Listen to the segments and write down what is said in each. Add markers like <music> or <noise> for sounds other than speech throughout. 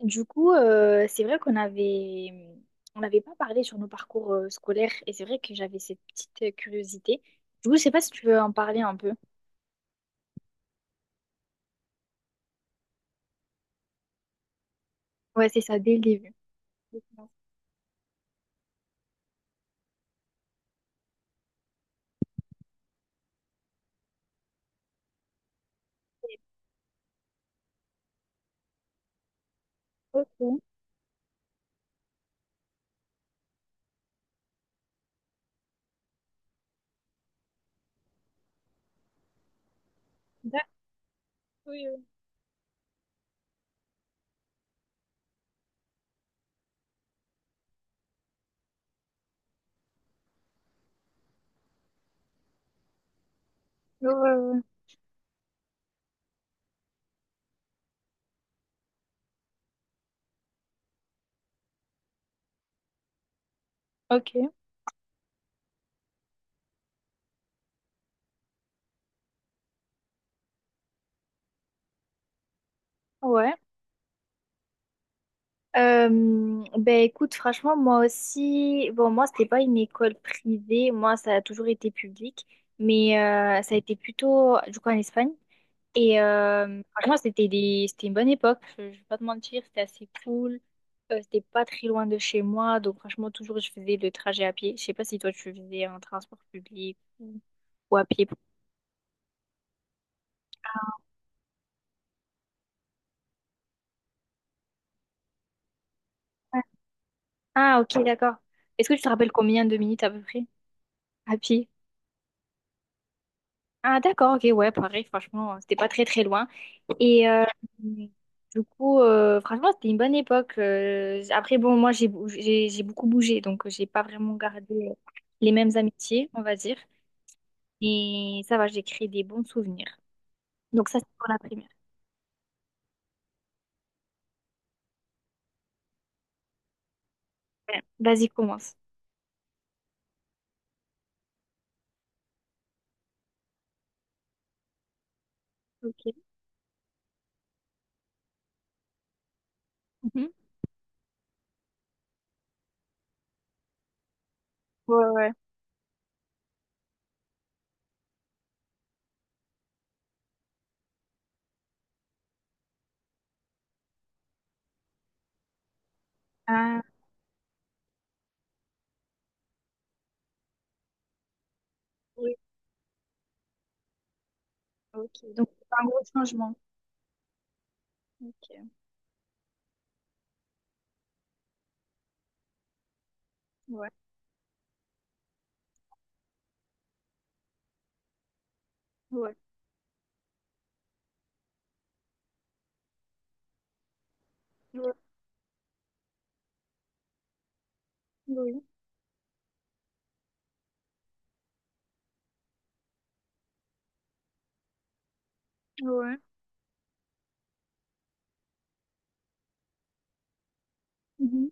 Du coup, c'est vrai qu'on avait, on n'avait pas parlé sur nos parcours scolaires et c'est vrai que j'avais cette petite curiosité. Du coup, je sais pas si tu veux en parler un peu. Ouais, c'est ça, dès le début. Ok. D'accord. Oui, oui. Ouais, ouais, ouais. Ok, ouais. Ben écoute, franchement, moi aussi, bon, moi, c'était pas une école privée, moi, ça a toujours été public, mais ça a été plutôt, du coup, en Espagne. Et franchement, c'était des, c'était une bonne époque. Je vais pas te mentir, c'était assez cool. C'était pas très loin de chez moi. Donc, franchement, toujours, je faisais le trajet à pied. Je sais pas si toi, tu faisais un transport public ou à pied. Ouais. Ah, ok, d'accord. Est-ce que tu te rappelles combien de minutes à peu près à pied? Ah, d'accord, ok, ouais, pareil, franchement, c'était pas très très loin. Et du coup, franchement, c'était une bonne époque. Après, bon, moi, j'ai beaucoup bougé, donc j'ai pas vraiment gardé les mêmes amitiés, on va dire. Et ça va, j'ai créé des bons souvenirs. Donc ça, c'est pour la primaire. Ouais. Vas-y, commence. Ok. Mhm. Ouais, ouais. Ah, oui, ok. Donc, c'est un gros changement. Ok. Ouais, ouais. Ouais, oui, ouais. Mhm.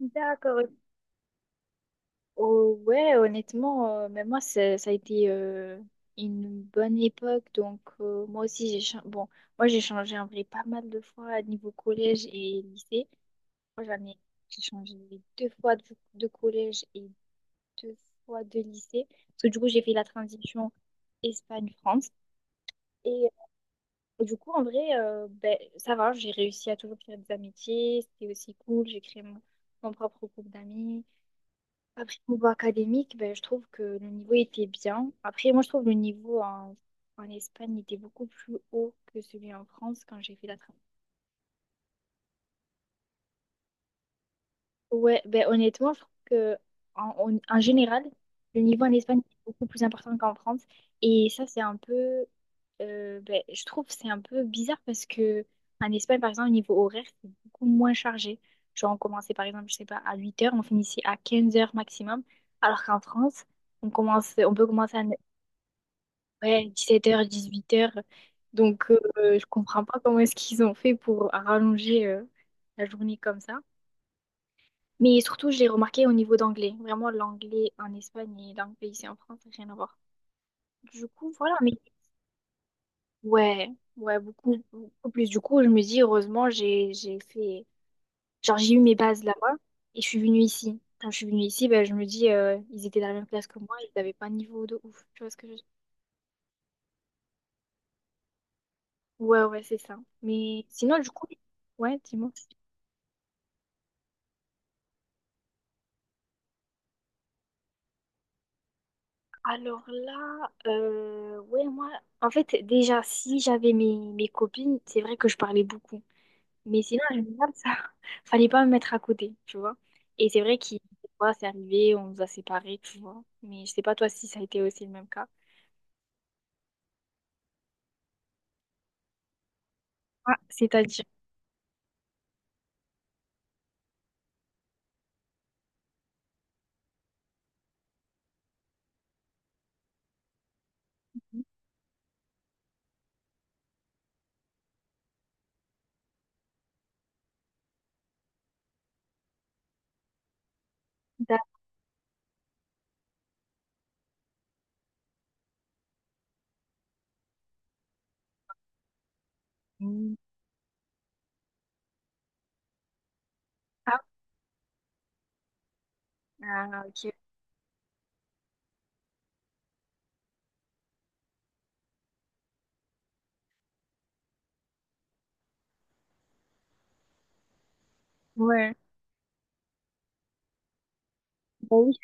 D'accord. Oh, ouais, honnêtement, mais moi, ça a été une bonne époque. Donc, moi aussi, bon, moi, j'ai changé en vrai pas mal de fois à niveau collège et lycée. Moi, j'en ai, j'ai changé deux fois de, collège et deux fois de lycée. Parce que du coup, j'ai fait la transition Espagne-France. Et du coup, en vrai, ben, ça va, j'ai réussi à toujours faire des amitiés. C'était aussi cool. J'ai créé mon propre groupe d'amis. Après, au niveau académique, ben, je trouve que le niveau était bien. Après, moi, je trouve le niveau en Espagne était beaucoup plus haut que celui en France quand j'ai fait la transition. Ouais, ben honnêtement, je trouve que en général, le niveau en Espagne est beaucoup plus important qu'en France. Et ça, c'est un peu, ben, je trouve, que c'est un peu bizarre parce que en Espagne, par exemple, au niveau horaire, c'est beaucoup moins chargé. Genre, on commençait par exemple, je sais pas, à 8 heures, on finissait à 15 heures maximum. Alors qu'en France, on commence, on peut commencer à ne- ouais, 17 heures, 8 heures. Donc, je comprends pas comment est-ce qu'ils ont fait pour rallonger, la journée comme ça. Mais surtout, je l'ai remarqué au niveau d'anglais. Vraiment, l'anglais en Espagne et l'anglais ici en France, rien à voir. Du coup, voilà, mais ouais, ouais, beaucoup, beaucoup plus. Du coup, je me dis, heureusement, j'ai fait, genre, j'ai eu mes bases là-bas et je suis venue ici. Quand je suis venue ici, ben, je me dis, ils étaient dans la même classe que moi, ils n'avaient pas un niveau de ouf. Tu vois ce que je veux dire? Ouais, ouais, c'est ça. Mais sinon, du coup, ouais, dis-moi. Alors là, ouais, moi, en fait, déjà, si j'avais mes copines, c'est vrai que je parlais beaucoup. Mais sinon, en général, ça, <laughs> fallait pas me mettre à côté, tu vois. Et c'est vrai qu'il des fois, c'est arrivé, on nous a séparés, tu vois. Mais je sais pas toi si ça a été aussi le même cas. Ah, c'est-à-dire. D'a- Mm. Ah, ah, ok. Ouais. Bah oui.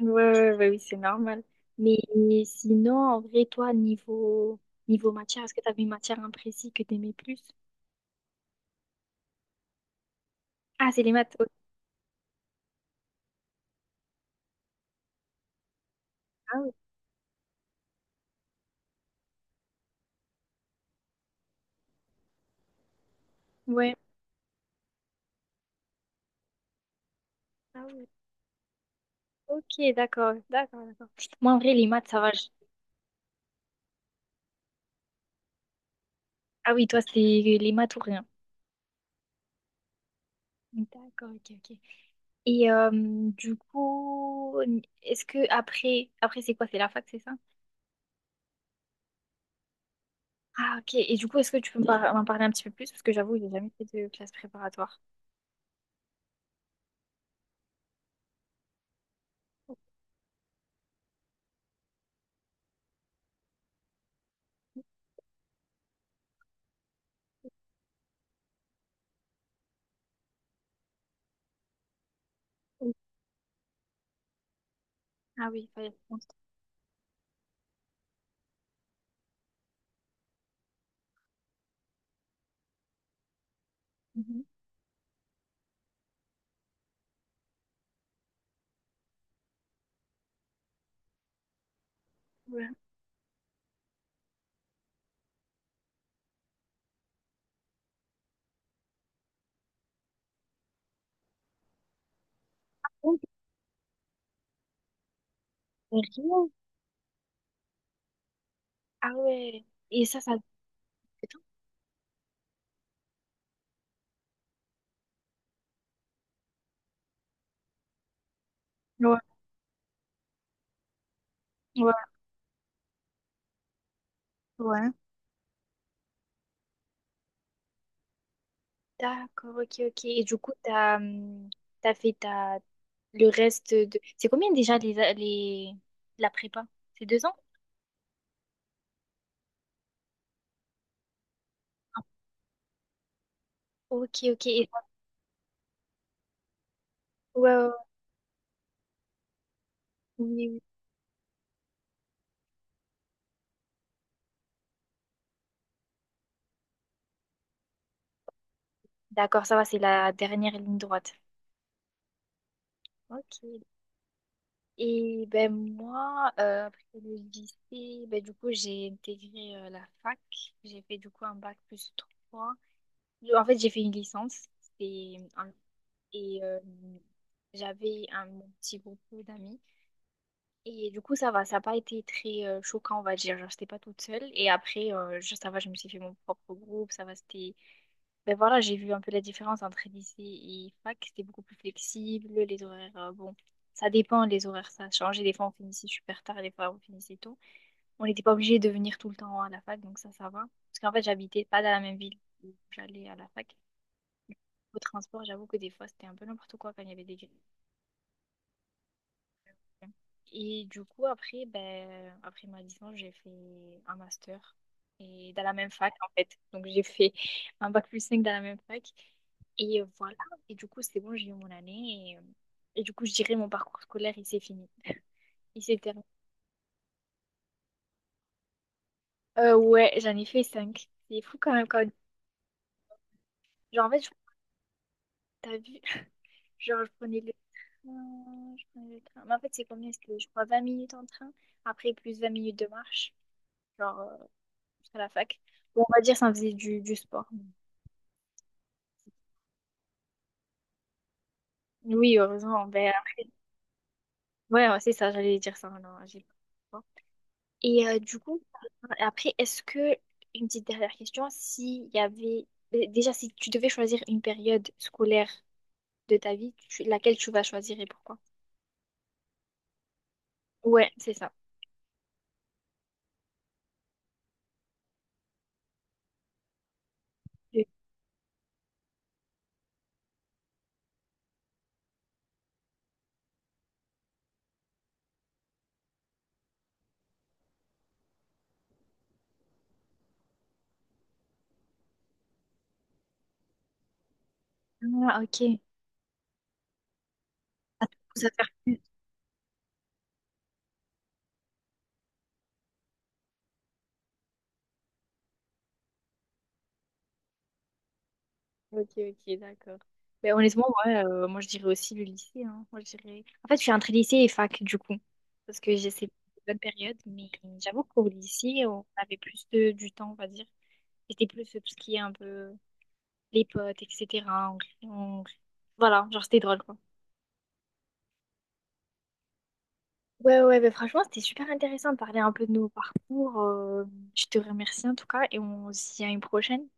Ouais, ouais, ouais, bah oui, c'est normal. Mais sinon, en vrai, toi, niveau, niveau matière, est-ce que tu avais une matière imprécise que tu aimais plus? Ah, c'est les maths. Ok. Ah oui. Ouais. Ah oui. Ok, d'accord, d'accord, d'accord. Moi, en vrai, les maths, ça va. Ah oui, toi, c'était les maths ou rien. D'accord, ok, ok. Et du coup, est-ce que après, après c'est quoi? C'est la fac, c'est ça? Ah, ok. Et du coup, est-ce que tu peux me m'en parler un petit peu plus? Parce que j'avoue, j'ai jamais fait de classe préparatoire. Oui. Ah oui, il fallait prendre. Mhm. Ouais. Oh, sérieux? Ah ouais. Et ça, ça. Ouais, ouais, ouais. D'accord, ok, ok. Et du coup, t'as fait ta, le reste de, c'est combien déjà la prépa? C'est 2 ans? Ok, ok. Et, ouais, ouais, ouais. D'accord, ça va, c'est la dernière ligne droite. Ok. Et ben moi, après le lycée, ben du coup, j'ai intégré la fac. J'ai fait du coup un bac plus 3. En fait, j'ai fait une licence. Et j'avais un mon petit groupe d'amis. Et du coup, ça va, ça n'a pas été très choquant, on va dire. Genre, j'étais pas toute seule. Et après, ça va, je me suis fait mon propre groupe. Ça va, c'était. Ben voilà, j'ai vu un peu la différence entre lycée et fac. C'était beaucoup plus flexible. Les horaires, bon, ça dépend, les horaires, ça a changé. Des fois, on finissait super tard, des fois, on finissait tôt. On n'était pas obligé de venir tout le temps à la fac, donc ça va. Parce qu'en fait, j'habitais pas dans la même ville où j'allais à la fac. Au transport, j'avoue que des fois, c'était un peu n'importe quoi quand il y avait des, et du coup, après, ben, après ma licence, j'ai fait un master et dans la même fac, en fait. Donc, j'ai fait un bac plus 5 dans la même fac. Et voilà. Et du coup, c'est bon, j'ai eu mon année. Et du coup, je dirais mon parcours scolaire, il s'est fini. Il s'est terminé. Ouais, j'en ai fait cinq. C'est fou quand même. Quand, genre, en fait, t'as vu, <laughs> genre, je prenais le train. Je prenais le train. Mais en fait, c'est combien? C'était, je crois, 20 minutes en train. Après, plus 20 minutes de marche. Genre, à la fac. Bon, on va dire ça faisait du sport. Oui, heureusement. Ben, ouais, ouais, c'est ça, j'allais dire ça. Non, j'ai pas le sport. Et du coup, après, est-ce que, une petite dernière question, s'il y avait, déjà, si tu devais choisir une période scolaire de ta vie, laquelle tu vas choisir et pourquoi? Ouais, c'est ça. Ah, ok. Ça te pousse à faire. Ok, ok, d'accord. Mais honnêtement, ouais, moi je dirais aussi le lycée. Hein. Moi, je dirais, en fait, je suis entre lycée et fac, du coup. Parce que j'ai ces bonnes périodes, mais j'avoue qu'au lycée, on avait plus de, du temps, on va dire. C'était plus tout ce qui est un peu les potes, etc. On- on- Voilà, genre c'était drôle, quoi. Ouais, ouais, mais franchement, c'était super intéressant de parler un peu de nos parcours. Je te remercie en tout cas et on se dit à une prochaine.